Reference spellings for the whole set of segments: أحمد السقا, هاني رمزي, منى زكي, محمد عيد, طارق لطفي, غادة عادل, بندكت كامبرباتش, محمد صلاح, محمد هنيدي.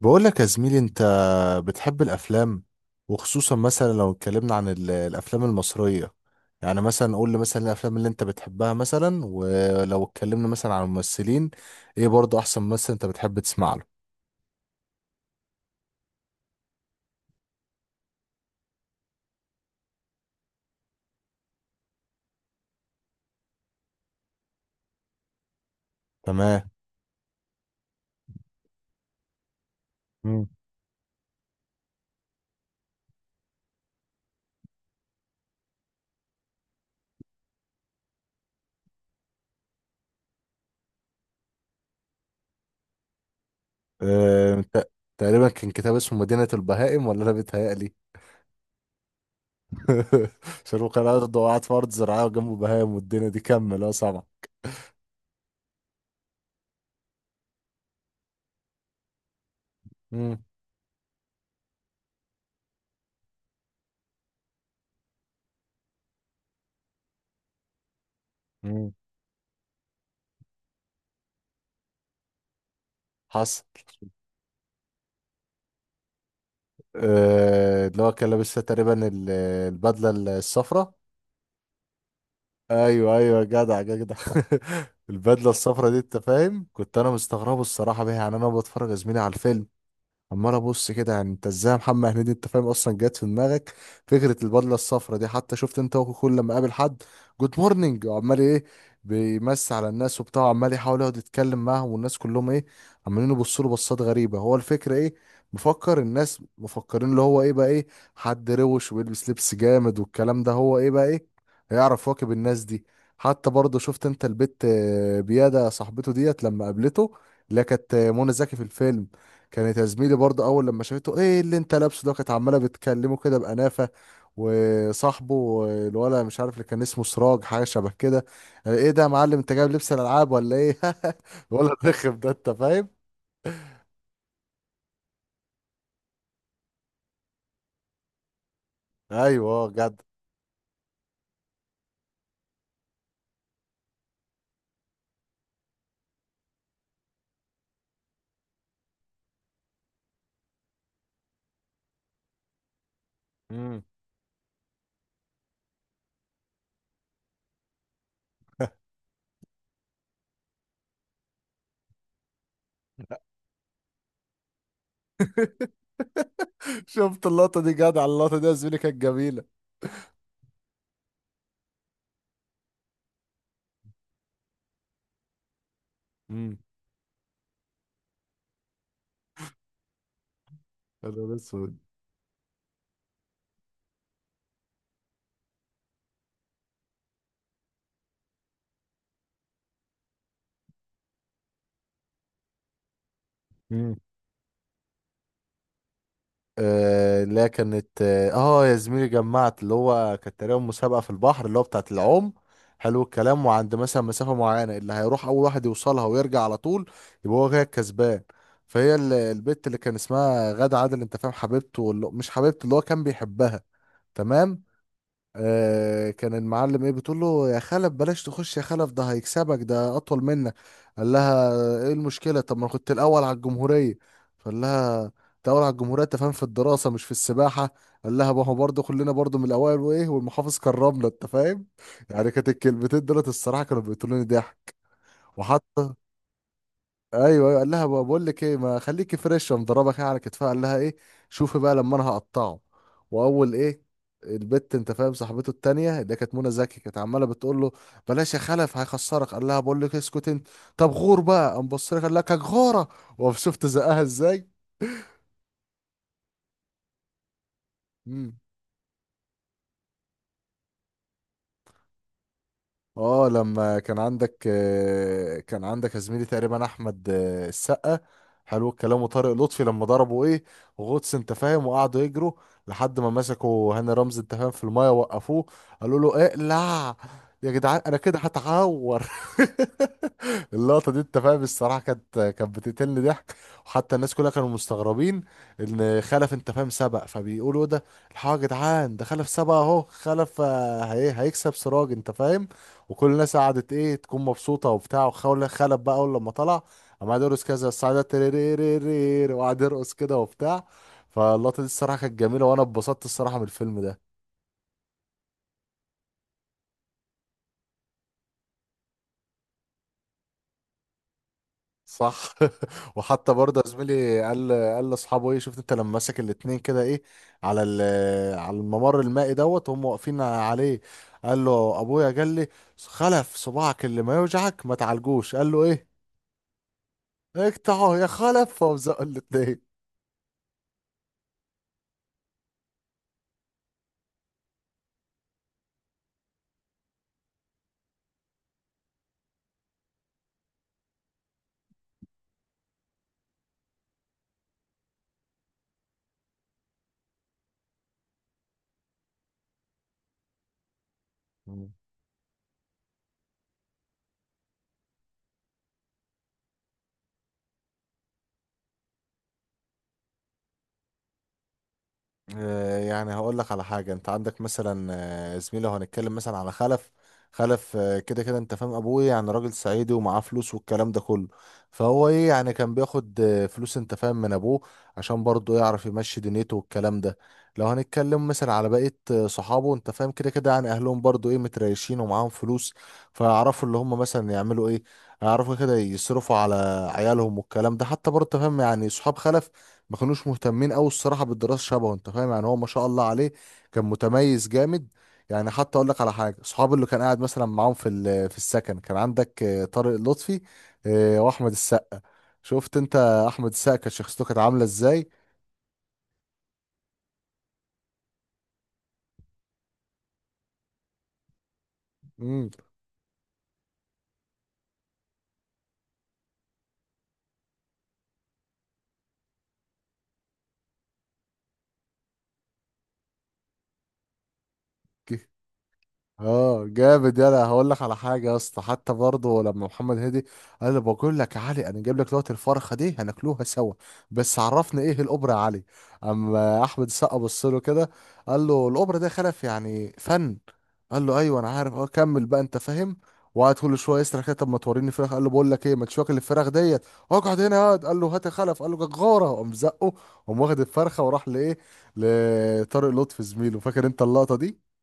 بقول لك يا زميلي، انت بتحب الافلام؟ وخصوصا مثلا لو اتكلمنا عن الافلام المصريه، يعني مثلا قول لي مثلا إيه الافلام اللي انت بتحبها مثلا، ولو اتكلمنا مثلا عن الممثلين، ايه برضه احسن ممثل انت بتحب تسمع له؟ تمام. مم. اه، انت تقريبا كان كتاب اسمه مدينه البهائم، ولا انا بيتهيألي؟ عشان هو كان ارضه وقعد في ارض زراعيه وجنبه بهائم والدنيا دي، كمل اه سامع. مم. مم. حصل. اه، اللي هو كان لابس تقريبا البدله الصفراء. ايوه ايوه، جدع جدع. البدله الصفرا دي انت فاهم، كنت انا مستغربه الصراحه بيها. يعني انا بتفرج يا زميلي على الفيلم، عمال ابص كده، يعني انت ازاي يا محمد هنيدي انت فاهم اصلا جت في دماغك فكره البدله الصفراء دي؟ حتى شفت انت هو كل لما قابل حد، جود مورنينج وعمال ايه، بيمسي على الناس وبتاع، عمال يحاول يقعد يتكلم معاهم، والناس كلهم ايه، عمالين يبصوا له بصات غريبه. هو الفكره ايه، مفكر الناس مفكرين اللي هو ايه بقى، ايه حد روش ويلبس لبس جامد والكلام ده؟ هو ايه بقى، ايه هيعرف يواكب الناس دي؟ حتى برضه شفت انت البت بياده صاحبته ديت لما قابلته، اللي هي كانت منى زكي في الفيلم، كانت يا زميلي برضه اول لما شافته، ايه اللي انت لابسه ده؟ كانت عماله بتكلمه كده بانافه. وصاحبه الولد مش عارف اللي كان اسمه سراج حاجه شبه كده، ايه ده يا معلم، انت جايب لبس الالعاب ولا ايه؟ الولد رخم ده انت فاهم. ايوه جد. امم. شفت اللقطه دي جدع، اللقطه دي يا زميلي كانت جميله. امم. انا اسود. آه، اللي هي كانت يا زميلي جمعت، اللي هو كانت تقريبا مسابقة في البحر اللي هو بتاعت العوم. حلو الكلام. وعند مثلا مسافة معينة، اللي هيروح أول واحد يوصلها ويرجع على طول، يبقى هو كده الكسبان. فهي البت اللي كان اسمها غادة عادل أنت فاهم، حبيبته، مش حبيبته، اللي هو كان بيحبها. تمام. آه، كان المعلم ايه بتقول له، يا خلف بلاش تخش، يا خلف ده هيكسبك، ده اطول منك. قال لها، ايه المشكله؟ طب ما أنا كنت الاول على الجمهوريه. فقال لها، انت اول على الجمهوريه انت فاهم في الدراسه، مش في السباحه. قال لها، ما هو برضه كلنا برضه من الاوائل وايه، والمحافظ كرمنا انت فاهم. يعني كانت الكلمتين دولت الصراحه كانوا بيقتلوني ضحك. وحتى ايوه، أيوة، قال لها بقى، بقول لك ايه ما خليكي فريش. قام ضربك إيه على كتفها، قال لها ايه، شوفي بقى لما انا هقطعه. واول ايه، البت انت فاهم صاحبته التانية اللي كانت منى زكي، كانت عماله بتقول له، بلاش يا خلف هيخسرك. قال لها بقول لك اسكت انت، طب غور بقى. قام بص لها قال لك، غوره. وشفت زقها ازاي. مم. اه، لما كان عندك، يا زميلي تقريبا احمد السقا. حلو الكلام. وطارق لطفي لما ضربوا ايه، غطس انت فاهم وقعدوا يجروا، لحد ما مسكوا هاني رمزي انت فاهم في المايه، وقفوه قالوا له اقلع، يا جدعان انا كده هتعور. اللقطه دي انت فاهم الصراحه كانت بتقتلني ضحك. وحتى الناس كلها كانوا مستغربين ان خلف انت فاهم سبق، فبيقولوا إيه ده الحاجه؟ يا جدعان ده خلف سبق اهو، خلف هي هيكسب سراج انت فاهم. وكل الناس قعدت ايه، تكون مبسوطه وبتاع. وخول خلف بقى اول لما طلع، قام قاعد يرقص كذا السعاده، تريريريرير، وقعد يرقص كده وبتاع. فاللقطه دي الصراحه كانت جميله، وانا اتبسطت الصراحه من الفيلم ده. صح. وحتى برضه يا زميلي، قال لاصحابه ايه، شفت انت لما مسك الاتنين كده ايه، على الممر المائي دوت وهم واقفين عليه. قال له، ابويا قال لي، خلف صباعك اللي ما يوجعك ما تعالجوش. قال له ايه، اقطعه يا خلف. فمزقوا الاتنين. آه، يعني هقول لك على حاجة، انت عندك مثلا زميلي، لو هنتكلم مثلا على خلف. خلف كده كده انت فاهم، ابويا يعني راجل صعيدي ومعاه فلوس والكلام ده كله، فهو ايه يعني، كان بياخد فلوس انت فاهم من ابوه، عشان برضه يعرف يمشي دنيته والكلام ده. لو هنتكلم مثلا على بقية صحابه انت فاهم، كده كده يعني اهلهم برضه ايه، متريشين ومعاهم فلوس، فيعرفوا اللي هم مثلا يعملوا ايه، يعرفوا كده يصرفوا على عيالهم والكلام ده. حتى برضه فاهم، يعني صحاب خلف ما كانوش مهتمين قوي الصراحه بالدراسه شبهه انت فاهم، يعني هو ما شاء الله عليه كان متميز جامد. يعني حتى اقول لك على حاجه، صحابي اللي كان قاعد مثلا معاهم في في السكن، كان عندك طارق لطفي واحمد السقا. شفت انت احمد السقا كانت شخصيته كانت عامله ازاي. امم. اه جامد. يلا هقول لك على حاجه يا اسطى، حتى برضه لما محمد هادي قال لي، بقول لك يا علي انا جايب لك دلوقتي الفرخه دي هناكلوها سوا، بس عرفني ايه الاوبرا يا علي. اما احمد السقا بص له كده قال له، الاوبرا ده خلف يعني فن. قال له، ايوه انا عارف، اه كمل بقى انت فاهم. وقعد كل شويه يسرح كده، طب ما توريني فراخ. قال له، بقول لك ايه ما تشوك الفراخ ديت، اقعد هنا اقعد. قال له، هات الخلف. قال له جغاره، قام زقه. قام واخد الفرخه وراح لايه، لطارق لطفي زميله. فاكر انت اللقطه دي؟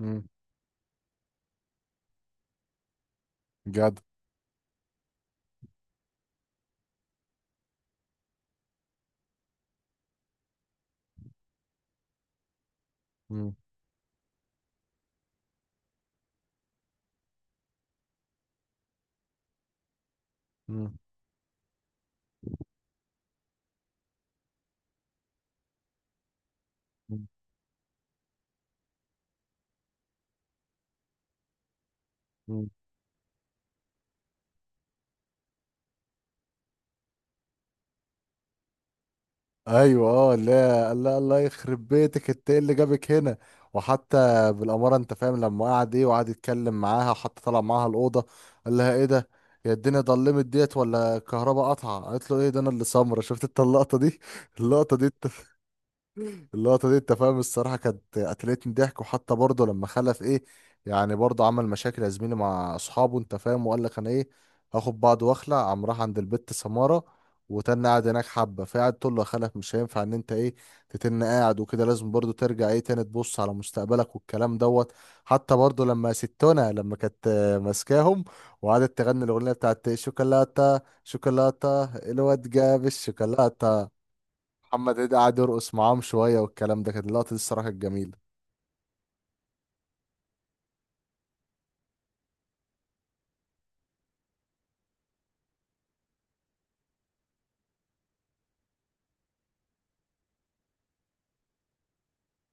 مم. جدع. مم. مم. مم. مم. ايوه اه لا، الله الله يخرب بيتك، انت ايه اللي جابك هنا؟ وحتى بالاماره انت فاهم لما قعد ايه، وقعد يتكلم معاها، وحتى طلع معاها الاوضه قال لها، ايه ده، يا الدنيا ضلمت ديت ولا الكهرباء قطعه؟ قالت له، ايه ده انا اللي سمره. شفت انت اللقطه دي؟ اللقطه دي، اللقطة دي انت فاهم الصراحة كانت قتلتني ضحك. وحتى برضه لما خلف ايه، يعني برضه عمل مشاكل يا زميلي مع اصحابه انت فاهم، وقال لك انا ايه، هاخد بعض واخلع. قام راح عند البت سمارة وتن قاعد هناك حبة، فقعد تقول له يا خلف مش هينفع ان انت ايه، تتن قاعد وكده، لازم برضه ترجع ايه تاني تبص على مستقبلك والكلام دوت. حتى برضه لما ستونا لما كانت ماسكاهم، وقعدت تغني الاغنية بتاعت شوكولاتة شوكولاتة، الواد جاب الشوكولاتة. محمد عيد قعد يرقص معاهم شوية والكلام ده، كانت اللقطة دي الصراحة كانت جميلة.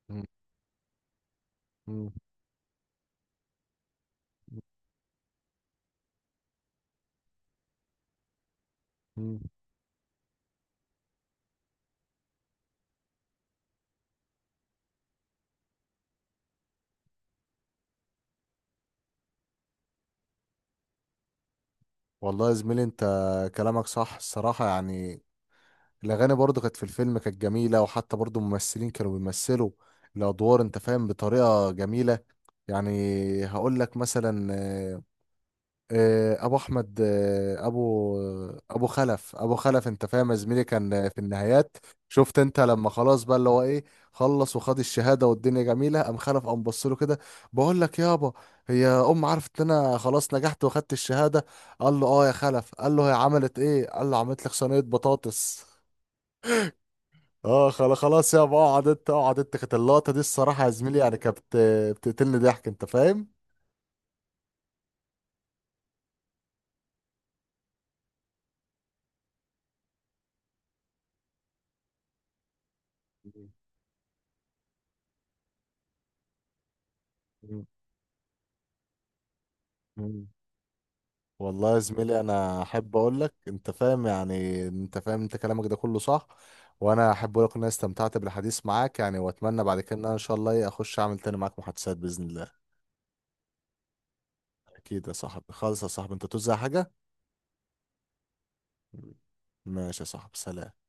مم. مم. مم. والله يا زميلي، انت كلامك صح الصراحة. يعني الأغاني برضو كانت في الفيلم كانت جميلة، وحتى برضو الممثلين كانوا بيمثلوا الأدوار انت فاهم بطريقة جميلة. يعني هقول لك مثلا ابو احمد آه، ابو ابو خلف، ابو خلف انت فاهم يا زميلي كان في النهايات. شفت انت لما خلاص بقى اللي هو ايه، خلص وخد الشهاده والدنيا جميله، قام خلف قام بص له كده، بقول لك يابا، هي ام عرفت ان انا خلاص نجحت واخدت الشهاده؟ قال له، اه يا خلف. قال له، هي عملت ايه؟ قال له، عملت لك صينيه بطاطس. اه، خلاص يابا اقعد انت، اقعد انت. كانت اللقطه دي الصراحه يا زميلي يعني بتقتلني ضحك انت فاهم. والله يا زميلي انا احب اقول لك انت فاهم، يعني انت فاهم انت كلامك ده كله صح. وانا احب اقول لك ان انا استمتعت بالحديث معاك، يعني واتمنى بعد كده ان انا ان شاء الله إيه، اخش اعمل تاني معاك محادثات باذن الله. اكيد يا صاحبي، خالص يا صاحبي، انت توزع حاجه. ماشي يا صاحبي، سلام.